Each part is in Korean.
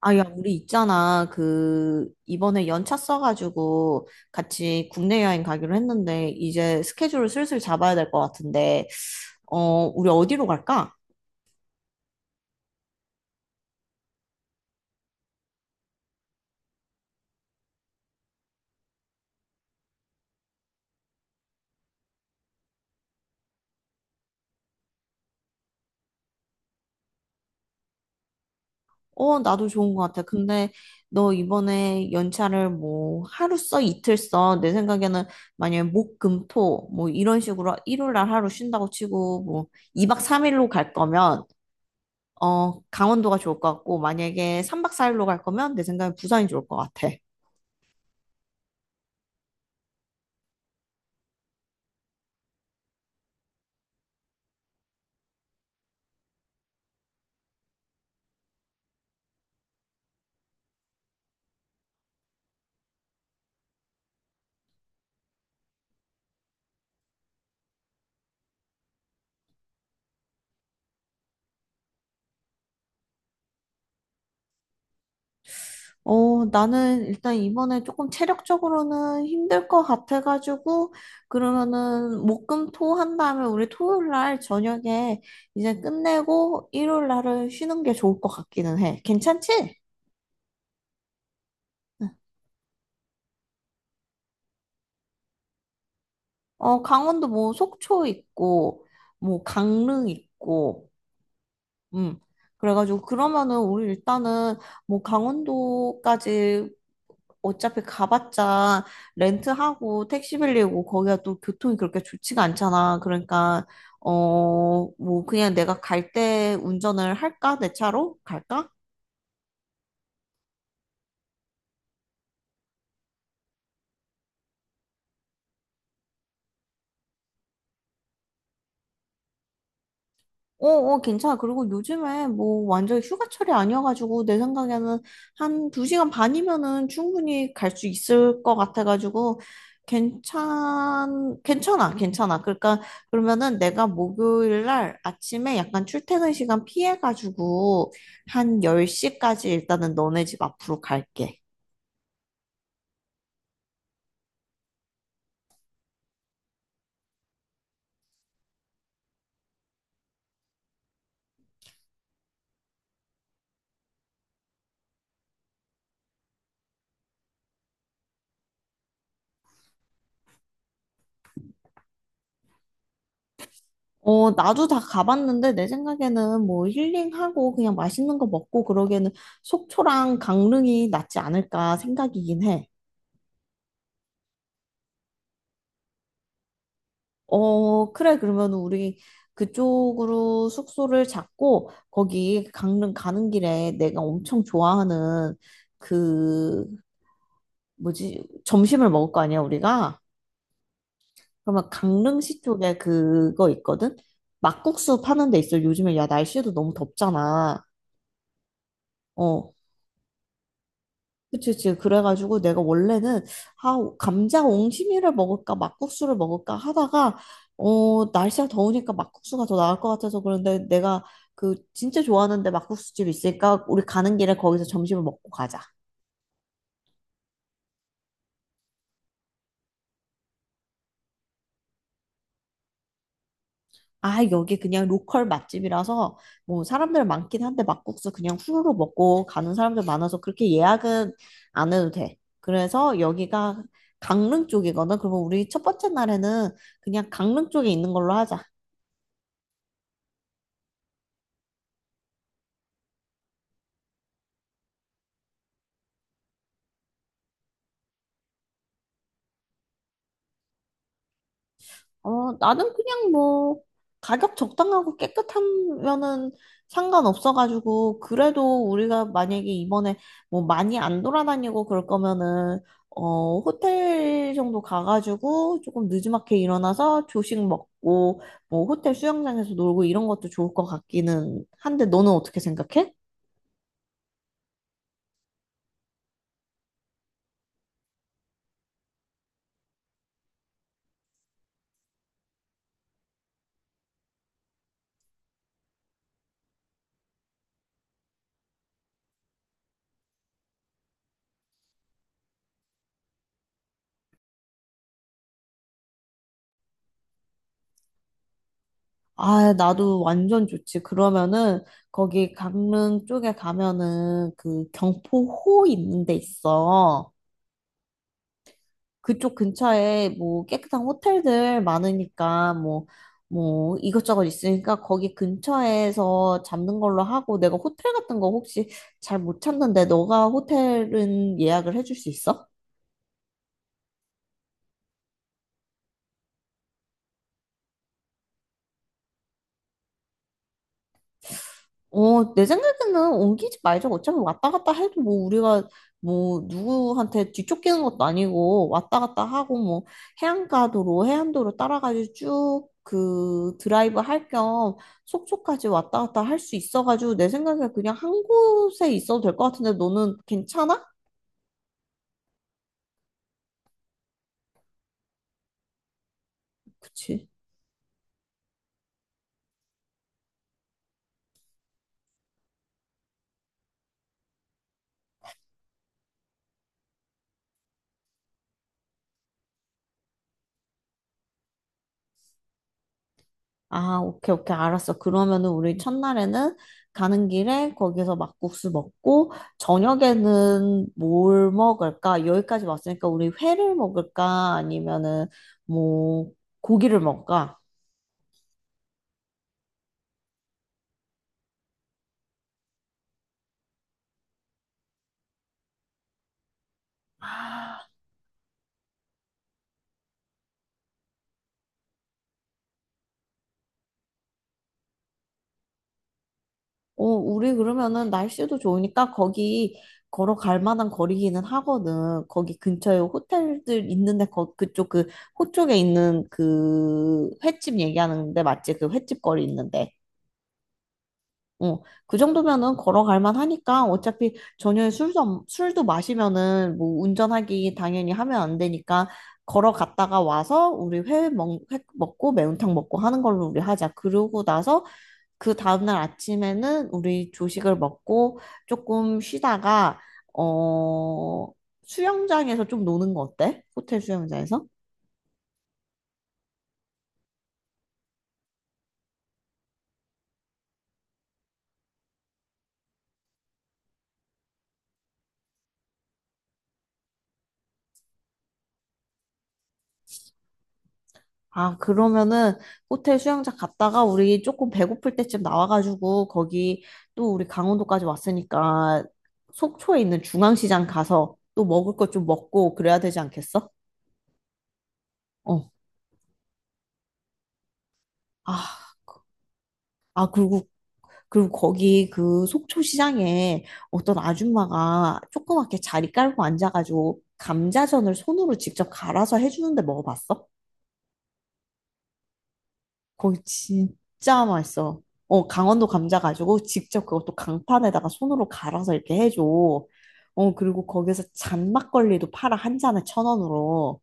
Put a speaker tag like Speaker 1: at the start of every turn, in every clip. Speaker 1: 야, 우리 있잖아. 이번에 연차 써가지고 같이 국내 여행 가기로 했는데, 이제 스케줄을 슬슬 잡아야 될 것 같은데, 우리 어디로 갈까? 나도 좋은 것 같아. 근데 너 이번에 연차를 뭐 하루 써, 이틀 써. 내 생각에는 만약에 목, 금, 토, 뭐 이런 식으로 일요일 날 하루 쉰다고 치고, 뭐 2박 3일로 갈 거면, 강원도가 좋을 것 같고, 만약에 3박 4일로 갈 거면 내 생각엔 부산이 좋을 것 같아. 나는 일단 이번에 조금 체력적으로는 힘들 것 같아가지고, 그러면은 목금토 한 다음에 우리 토요일 날 저녁에 이제 끝내고 일요일 날을 쉬는 게 좋을 것 같기는 해. 괜찮지? 강원도 뭐 속초 있고, 뭐 강릉 있고, 음. 그래가지고 그러면은 우리 일단은 뭐 강원도까지 어차피 가봤자 렌트하고 택시 빌리고 거기가 또 교통이 그렇게 좋지가 않잖아. 그러니까 뭐 그냥 내가 갈 때 운전을 할까? 내 차로 갈까? 괜찮아. 그리고 요즘에 뭐 완전 휴가철이 아니어가지고 내 생각에는 한 두시간 반이면은 충분히 갈 수 있을 것 같아가지고 괜찮아, 괜찮아. 그러니까 그러면은 내가 목요일 날 아침에 약간 출퇴근 시간 피해가지고 한 10시까지 일단은 너네 집 앞으로 갈게. 나도 다 가봤는데 내 생각에는 뭐 힐링하고 그냥 맛있는 거 먹고 그러기에는 속초랑 강릉이 낫지 않을까 생각이긴 해. 그래. 그러면 우리 그쪽으로 숙소를 잡고 거기 강릉 가는 길에 내가 엄청 좋아하는 그 뭐지? 점심을 먹을 거 아니야, 우리가? 그러면 강릉시 쪽에 그거 있거든? 막국수 파는 데 있어. 요즘에 야, 날씨도 너무 덥잖아. 어, 그치, 그치. 그래가지고 내가 원래는, 감자 옹심이를 먹을까, 막국수를 먹을까 하다가, 날씨가 더우니까 막국수가 더 나을 것 같아서 그런데 내가 그 진짜 좋아하는데 막국수집 있으니까 우리 가는 길에 거기서 점심을 먹고 가자. 여기 그냥 로컬 맛집이라서 뭐 사람들 많긴 한데 막국수 그냥 후루룩 먹고 가는 사람들 많아서 그렇게 예약은 안 해도 돼. 그래서 여기가 강릉 쪽이거든. 그러면 우리 첫 번째 날에는 그냥 강릉 쪽에 있는 걸로 하자. 나는 그냥 뭐, 가격 적당하고 깨끗하면은 상관없어가지고, 그래도 우리가 만약에 이번에 뭐 많이 안 돌아다니고 그럴 거면은, 호텔 정도 가가지고 조금 늦지막히 일어나서 조식 먹고, 뭐 호텔 수영장에서 놀고 이런 것도 좋을 것 같기는 한데, 너는 어떻게 생각해? 나도 완전 좋지. 그러면은, 거기 강릉 쪽에 가면은 그 경포호 있는 데 있어. 그쪽 근처에 뭐 깨끗한 호텔들 많으니까 뭐, 뭐 이것저것 있으니까 거기 근처에서 잡는 걸로 하고 내가 호텔 같은 거 혹시 잘 못 찾는데 너가 호텔은 예약을 해줄 수 있어? 내 생각에는 옮기지 말자. 어차피 왔다 갔다 해도 뭐 우리가 뭐 누구한테 뒤쫓기는 것도 아니고 왔다 갔다 하고 뭐 해안가도로 해안도로 따라가지고 쭉 그 드라이브 할 겸 속초까지 왔다 갔다 할 수 있어가지고 내 생각에 그냥 한 곳에 있어도 될 것 같은데 너는 괜찮아? 그치? 오케이, 오케이, 알았어. 그러면은 우리 첫날에는 가는 길에 거기서 막국수 먹고, 저녁에는 뭘 먹을까? 여기까지 왔으니까 우리 회를 먹을까? 아니면은 뭐 고기를 먹을까? 아, 우리 그러면은 날씨도 좋으니까 거기 걸어갈 만한 거리기는 하거든. 거기 근처에 호텔들 있는데 그쪽 호쪽에 있는 그 횟집 얘기하는데 맞지? 그 횟집 거리 있는데. 어, 그 정도면은 걸어갈 만하니까 어차피 저녁에 술도, 안- 술도 마시면은 뭐 운전하기 당연히 하면 안 되니까 걸어갔다가 와서 우리 회 먹고 매운탕 먹고 하는 걸로 우리 하자. 그러고 나서 그 다음날 아침에는 우리 조식을 먹고 조금 쉬다가, 어, 수영장에서 좀 노는 거 어때? 호텔 수영장에서? 그러면은 호텔 수영장 갔다가 우리 조금 배고플 때쯤 나와가지고 거기 또 우리 강원도까지 왔으니까 속초에 있는 중앙시장 가서 또 먹을 것 좀 먹고 그래야 되지 않겠어? 어. 아, 그리고 거기 그 속초시장에 어떤 아줌마가 조그맣게 자리 깔고 앉아가지고 감자전을 손으로 직접 갈아서 해주는데 먹어봤어? 거기 진짜 맛있어. 강원도 감자 가지고 직접 그것도 강판에다가 손으로 갈아서 이렇게 해줘. 어, 그리고 거기서 잔막걸리도 팔아, 한 잔에 천 원으로.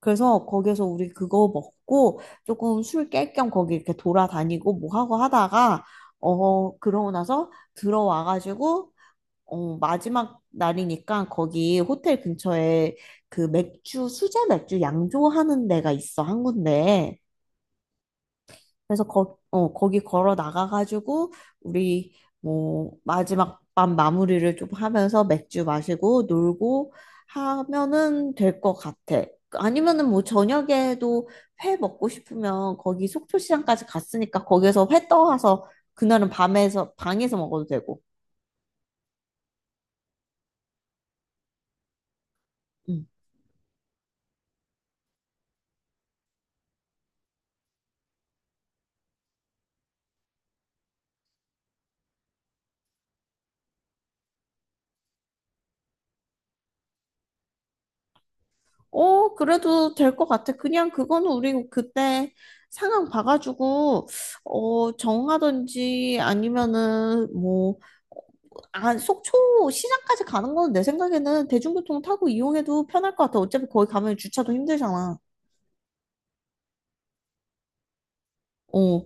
Speaker 1: 그래서 거기서 우리 그거 먹고 조금 술 깰 겸 거기 이렇게 돌아다니고 뭐 하고 하다가, 그러고 나서 들어와가지고, 마지막 날이니까 거기 호텔 근처에 수제 맥주 양조하는 데가 있어, 한 군데. 그래서 거기 걸어 나가가지고 우리 뭐 마지막 밤 마무리를 좀 하면서 맥주 마시고 놀고 하면은 될 것 같아. 아니면은 뭐 저녁에도 회 먹고 싶으면 거기 속초시장까지 갔으니까 거기에서 회 떠와서 그날은 밤에서 방에서 먹어도 되고. 음. 그래도 될 것 같아. 그냥 그거는 우리 그때 상황 봐가지고, 정하든지 아니면은 뭐, 속초 시장까지 가는 건 내 생각에는 대중교통 타고 이용해도 편할 것 같아. 어차피 거기 가면 주차도 힘들잖아. 어,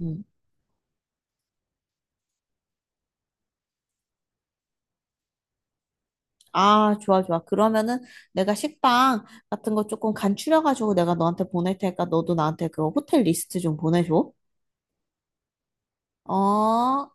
Speaker 1: 음. 좋아, 좋아. 그러면은 내가 식당 같은 거 조금 간추려가지고 내가 너한테 보낼 테니까 너도 나한테 그 호텔 리스트 좀 보내줘. 어,